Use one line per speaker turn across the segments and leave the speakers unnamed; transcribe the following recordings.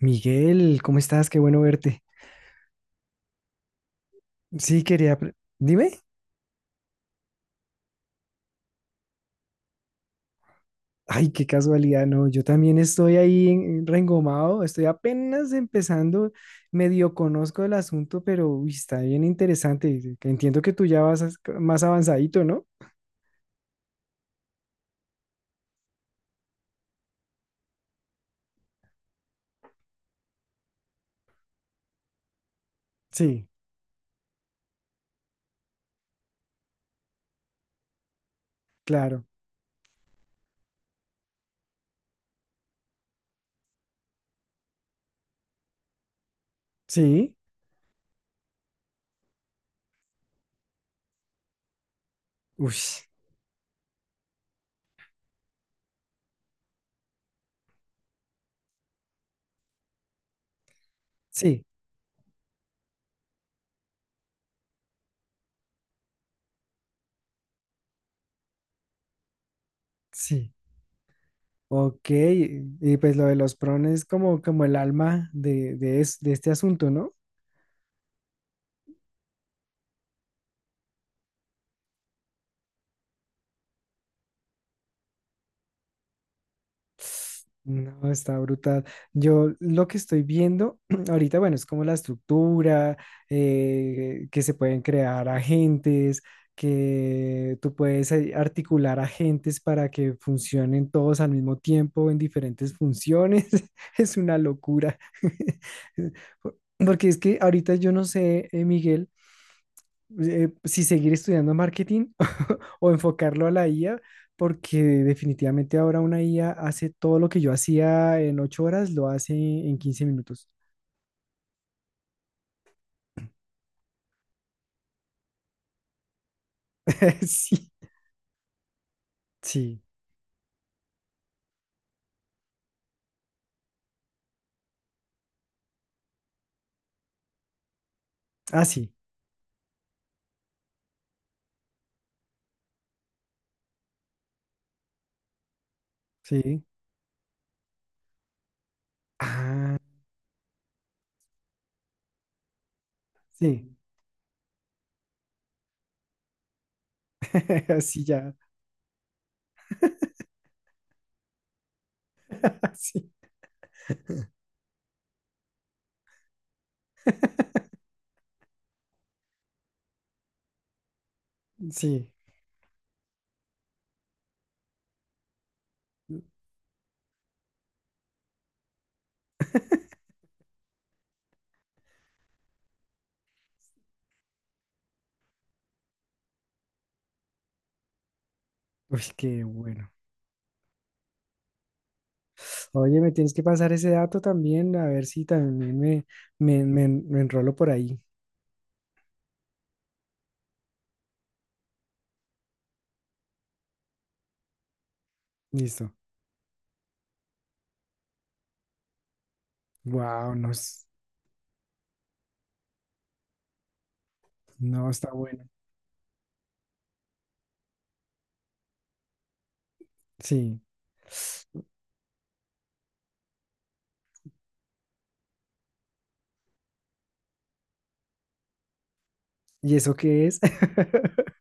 Miguel, ¿cómo estás? Qué bueno verte. Sí, dime. Ay, qué casualidad, no. Yo también estoy ahí reengomado, estoy apenas empezando, medio conozco el asunto, pero uy, está bien interesante. Que Entiendo que tú ya vas más avanzadito, ¿no? Sí, claro. Sí. Uy, sí, sí. Ok, y pues lo de los prones es como el alma de este asunto, ¿no? No, está brutal. Yo lo que estoy viendo ahorita, bueno, es como la estructura, que se pueden crear agentes, que tú puedes articular agentes para que funcionen todos al mismo tiempo en diferentes funciones. Es una locura. Porque es que ahorita yo no sé, Miguel, si seguir estudiando marketing o enfocarlo a la IA, porque definitivamente ahora una IA hace todo lo que yo hacía en 8 horas, lo hace en 15 minutos. Sí, sí. Ah, sí, sí. Ah, sí. Sí, ya. Sí, sí. Uy, qué bueno. Oye, me tienes que pasar ese dato también, a ver si también me enrolo por ahí. Listo. Wow, no, no está bueno. Sí. ¿Y eso qué es?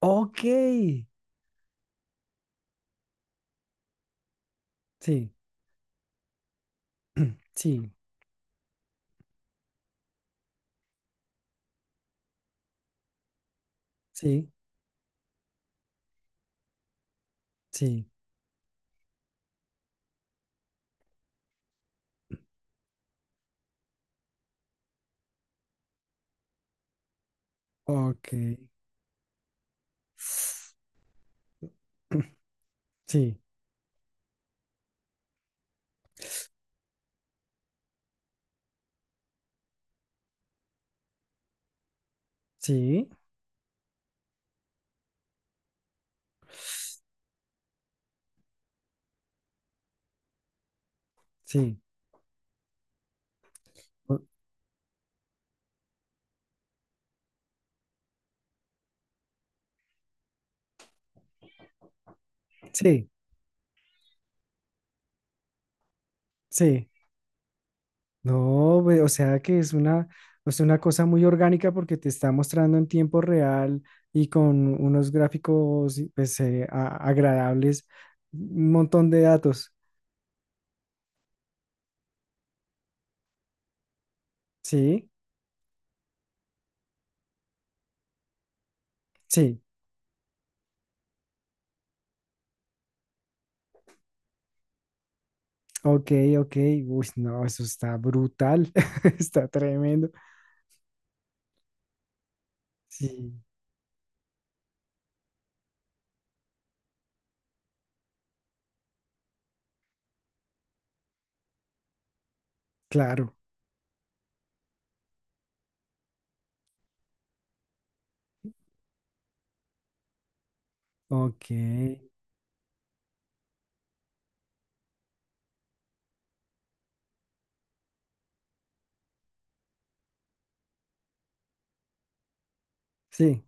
Ok. Sí, sí, sí, sí. Ok. Sí, sí, sí. o- Sí, sí. No, o sea que es una, o sea, una cosa muy orgánica porque te está mostrando en tiempo real y con unos gráficos pues, agradables, un montón de datos. Sí, sí. Ok, ok. Uy, no, eso está brutal. Está tremendo. Sí, claro. Ok. Sí,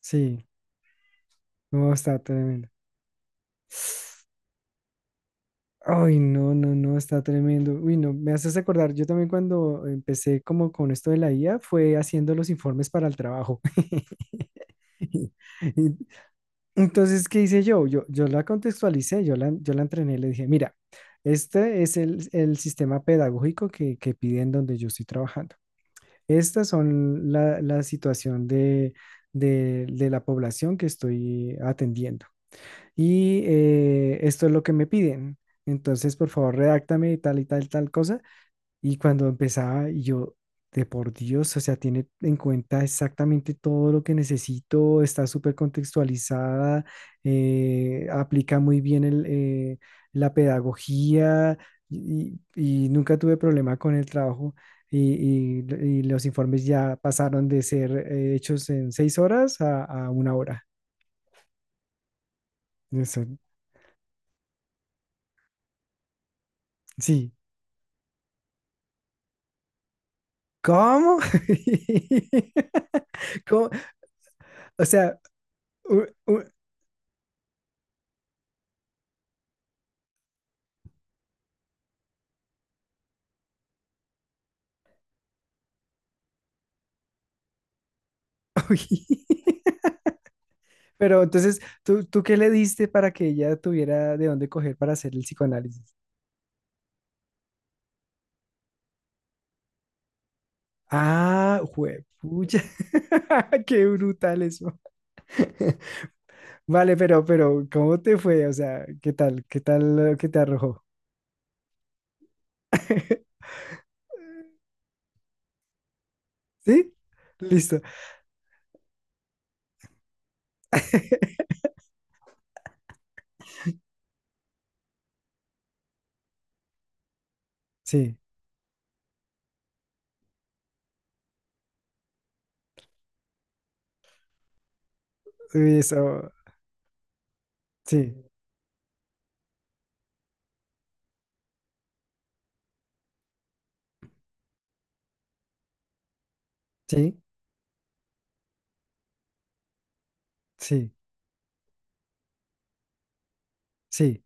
sí. No, está tremendo. Ay, no, no, no, está tremendo. Uy, no, me haces acordar. Yo también cuando empecé como con esto de la IA fue haciendo los informes para el trabajo. Y- y- Entonces, ¿qué hice yo? Yo la contextualicé, yo la entrené, le dije, mira, este es el sistema pedagógico que piden donde yo estoy trabajando. Estas son la situación de la población que estoy atendiendo. Y esto es lo que me piden. Entonces, por favor, redáctame tal y tal, tal cosa. Y cuando empezaba, y yo, de por Dios, o sea, tiene en cuenta exactamente todo lo que necesito, está súper contextualizada, aplica muy bien la pedagogía y nunca tuve problema con el trabajo. Y, y- y los informes ya pasaron de ser hechos en 6 horas a 1 hora. Eso, sí. ¿Cómo? ¿Cómo? O sea, u- u- uy. Pero entonces, ¿tú qué le diste para que ella tuviera de dónde coger para hacer el psicoanálisis? Ah, juepucha. Qué brutal eso. Vale, pero, ¿cómo te fue? O sea, ¿qué tal? ¿Qué tal lo que te arrojó? ¿Sí? Listo. Sí. Uy, eso. Sí. Sí. Sí. Sí.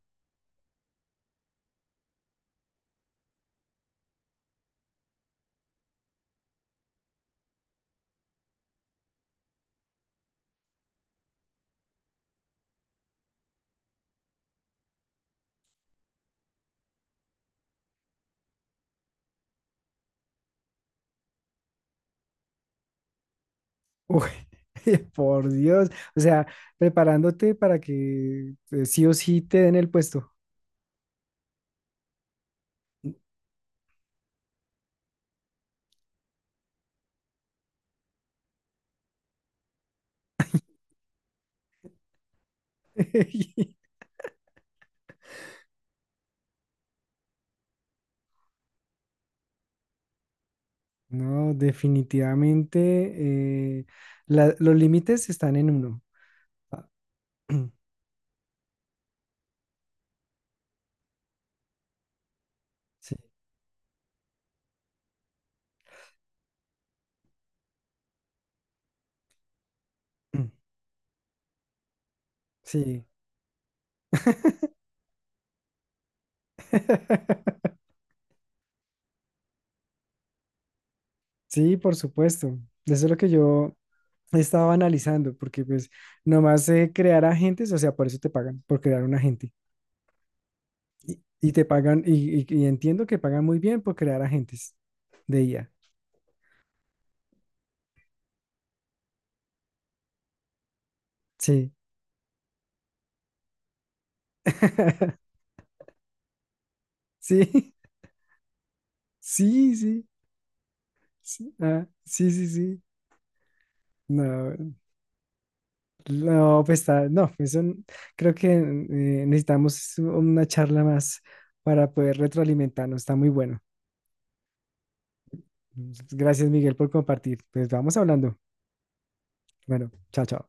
Uy, por Dios. O sea, preparándote para que sí o sí te den el puesto. No, definitivamente los límites están en uno. Ah, Sí. Mm, sí. Sí, por supuesto. Eso es lo que yo estaba analizando, porque pues nomás crear agentes, o sea, por eso te pagan, por crear un agente. Y te pagan, y entiendo que pagan muy bien por crear agentes de IA. Sí. Sí, sí, sí. Sí, ah, sí, sí, sí. No. No, pues está, no, eso creo que necesitamos una charla más para poder retroalimentarnos, está muy bueno. Gracias, Miguel, por compartir. Pues vamos hablando. Bueno, chao, chao.